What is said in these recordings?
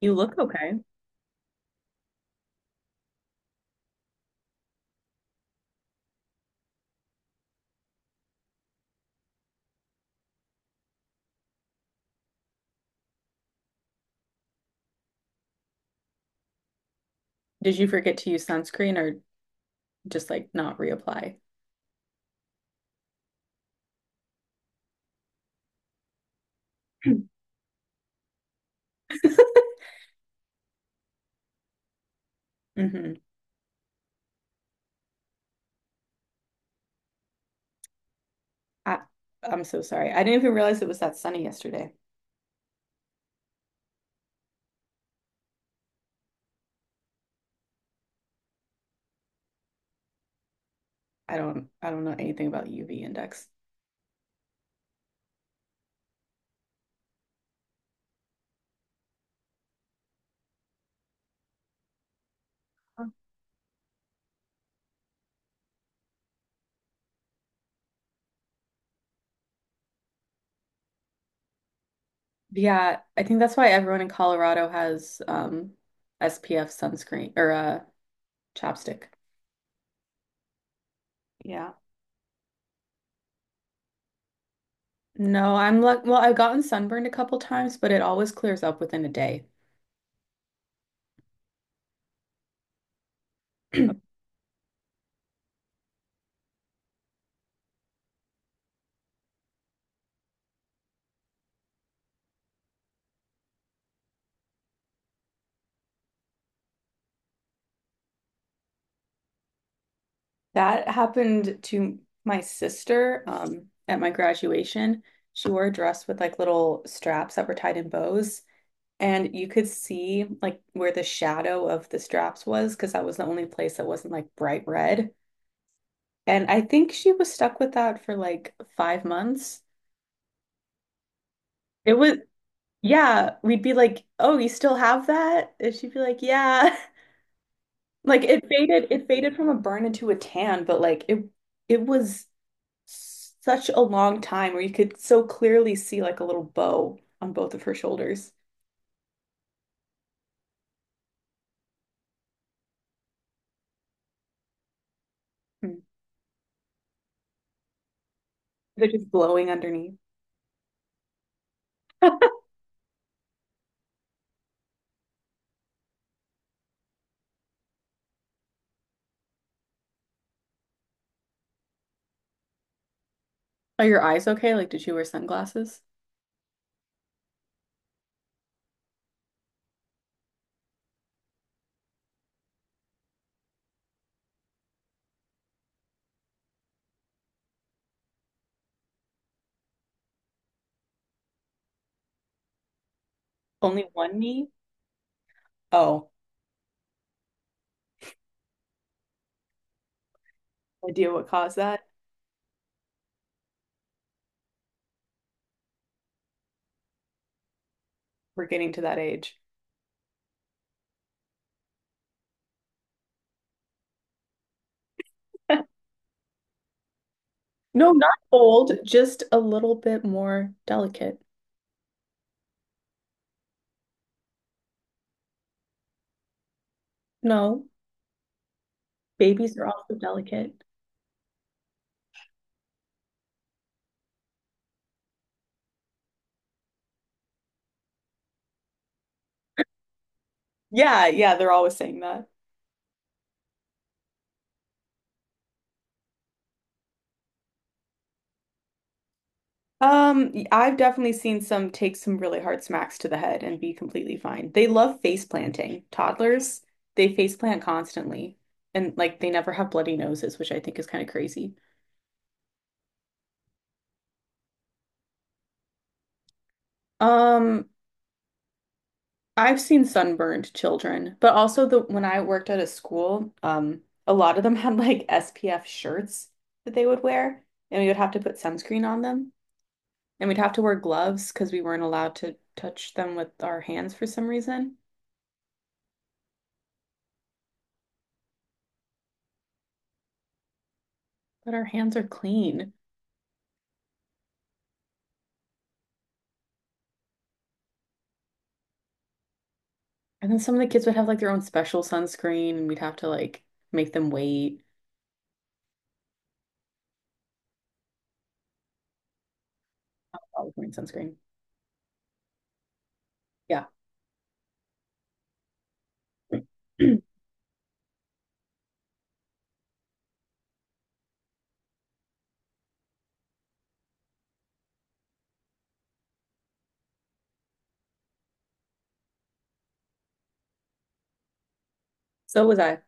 You look okay. Did you forget to use sunscreen or just like not reapply? hmm I, I'm so sorry. I didn't even realize it was that sunny yesterday. I don't know anything about UV index. Oh. Yeah, I think that's why everyone in Colorado has SPF sunscreen or chapstick. Yeah. No, I'm like, well, I've gotten sunburned a couple times, but it always clears up within a day. That happened to my sister at my graduation. She wore a dress with like little straps that were tied in bows, and you could see like where the shadow of the straps was because that was the only place that wasn't like bright red. And I think she was stuck with that for like 5 months. It was, yeah, we'd be like, "Oh, you still have that?" And she'd be like, "Yeah." Like it faded from a burn into a tan, but like it was such a long time where you could so clearly see like a little bow on both of her shoulders. Hmm. They're just glowing underneath. Are your eyes okay? Like, did you wear sunglasses? Only one knee? Oh, no idea what caused that? We're getting to that age. No, not old, just a little bit more delicate. No, babies are also delicate. Yeah, yeah, they're always saying that. I've definitely seen some take some really hard smacks to the head and be completely fine. They love face planting. Toddlers, they face plant constantly and like they never have bloody noses, which I think is kind of crazy. Um, I've seen sunburned children, but also the when I worked at a school, a lot of them had like SPF shirts that they would wear, and we would have to put sunscreen on them, and we'd have to wear gloves because we weren't allowed to touch them with our hands for some reason. But our hands are clean. And then some of the kids would have like their own special sunscreen, and we'd have to like make them wait while wearing sunscreen. Yeah. So was I.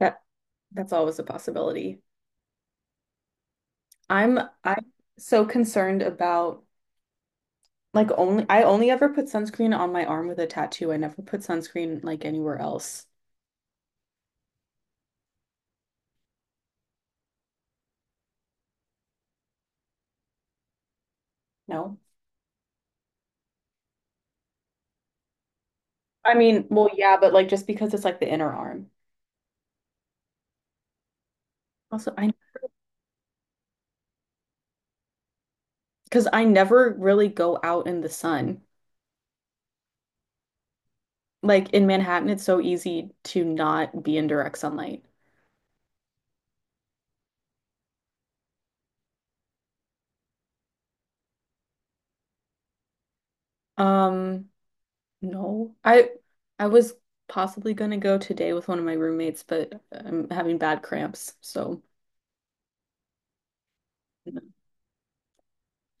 That that's always a possibility. I'm I'm so concerned about like only I only ever put sunscreen on my arm with a tattoo. I never put sunscreen like anywhere else. No. I mean, well, yeah, but like just because it's like the inner arm. Also, I because I never really go out in the sun. Like in Manhattan, it's so easy to not be in direct sunlight. Um, No, I was possibly gonna go today with one of my roommates, but I'm having bad cramps, so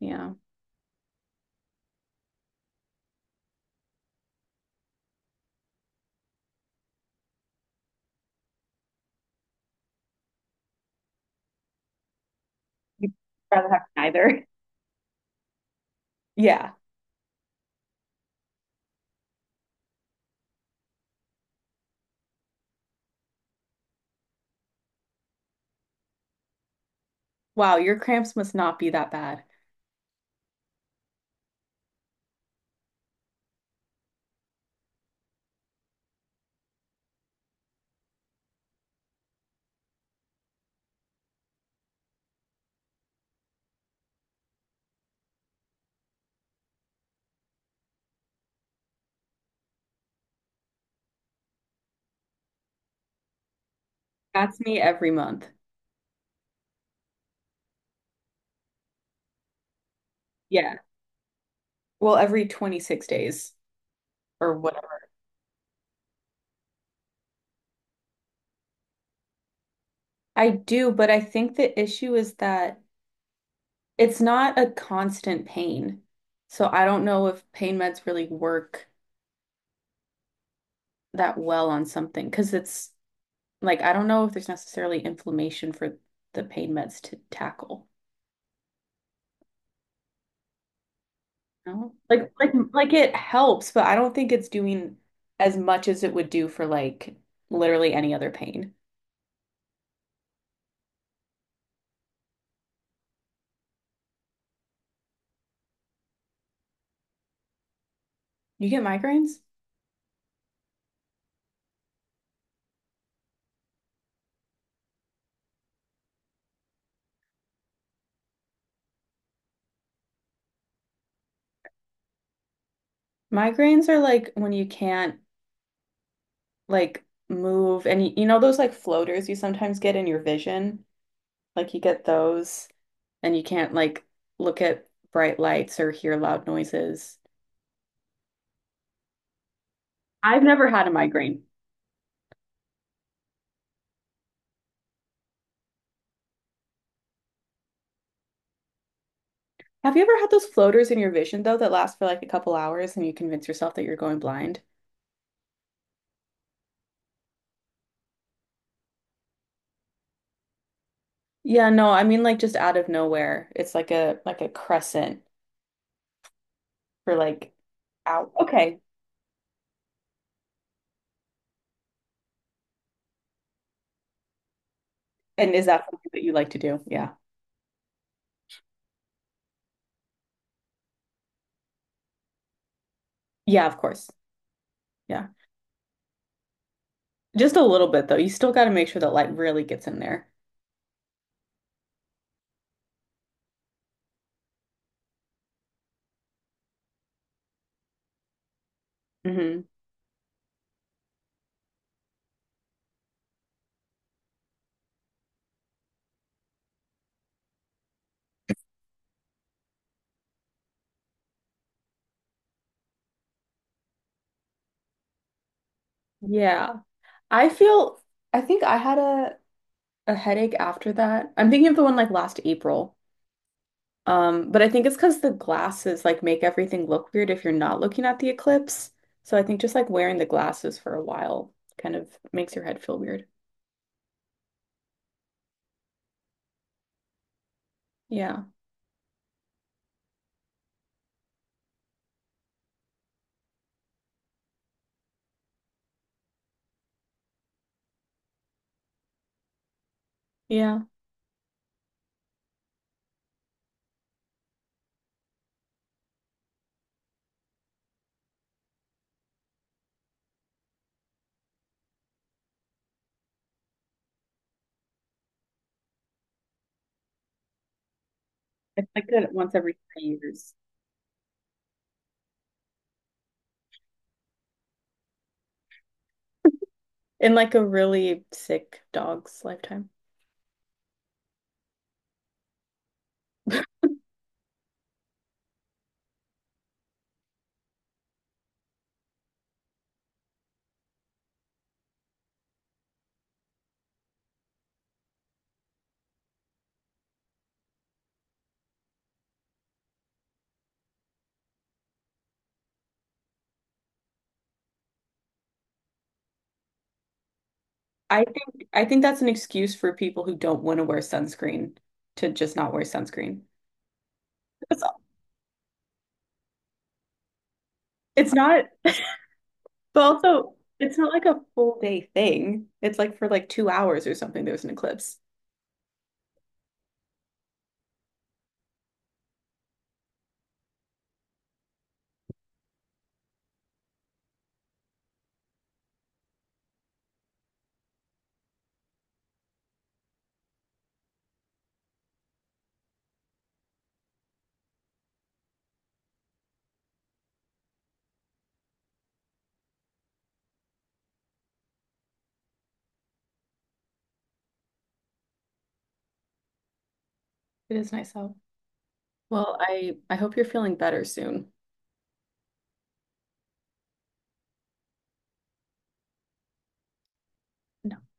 yeah. You'd rather have neither. Yeah. Wow, your cramps must not be that bad. That's me every month. Yeah. Well, every 26 days or whatever. I do, but I think the issue is that it's not a constant pain. So I don't know if pain meds really work that well on something because it's like I don't know if there's necessarily inflammation for the pain meds to tackle. No? Like it helps, but I don't think it's doing as much as it would do for like literally any other pain. You get migraines? Migraines are like when you can't like move and you know those like floaters you sometimes get in your vision? Like you get those and you can't like look at bright lights or hear loud noises. I've never had a migraine. Have you ever had those floaters in your vision, though, that last for like a couple hours and you convince yourself that you're going blind? Yeah, no, I mean like just out of nowhere. It's like a crescent for like out. Okay. And is that something that you like to do? Yeah. Yeah, of course. Yeah. Just a little bit though. You still got to make sure that light really gets in there. Hmm. Yeah. I feel I think I had a headache after that. I'm thinking of the one like last April. But I think it's because the glasses like make everything look weird if you're not looking at the eclipse. So I think just like wearing the glasses for a while kind of makes your head feel weird. Yeah. Yeah. It's like that once every 3 years. In like a really sick dog's lifetime. I think that's an excuse for people who don't want to wear sunscreen to just not wear sunscreen. It's it's not, but also it's not like a full day thing. It's like for like 2 hours or something, there was an eclipse. It is nice though. Well, I hope you're feeling better soon. No.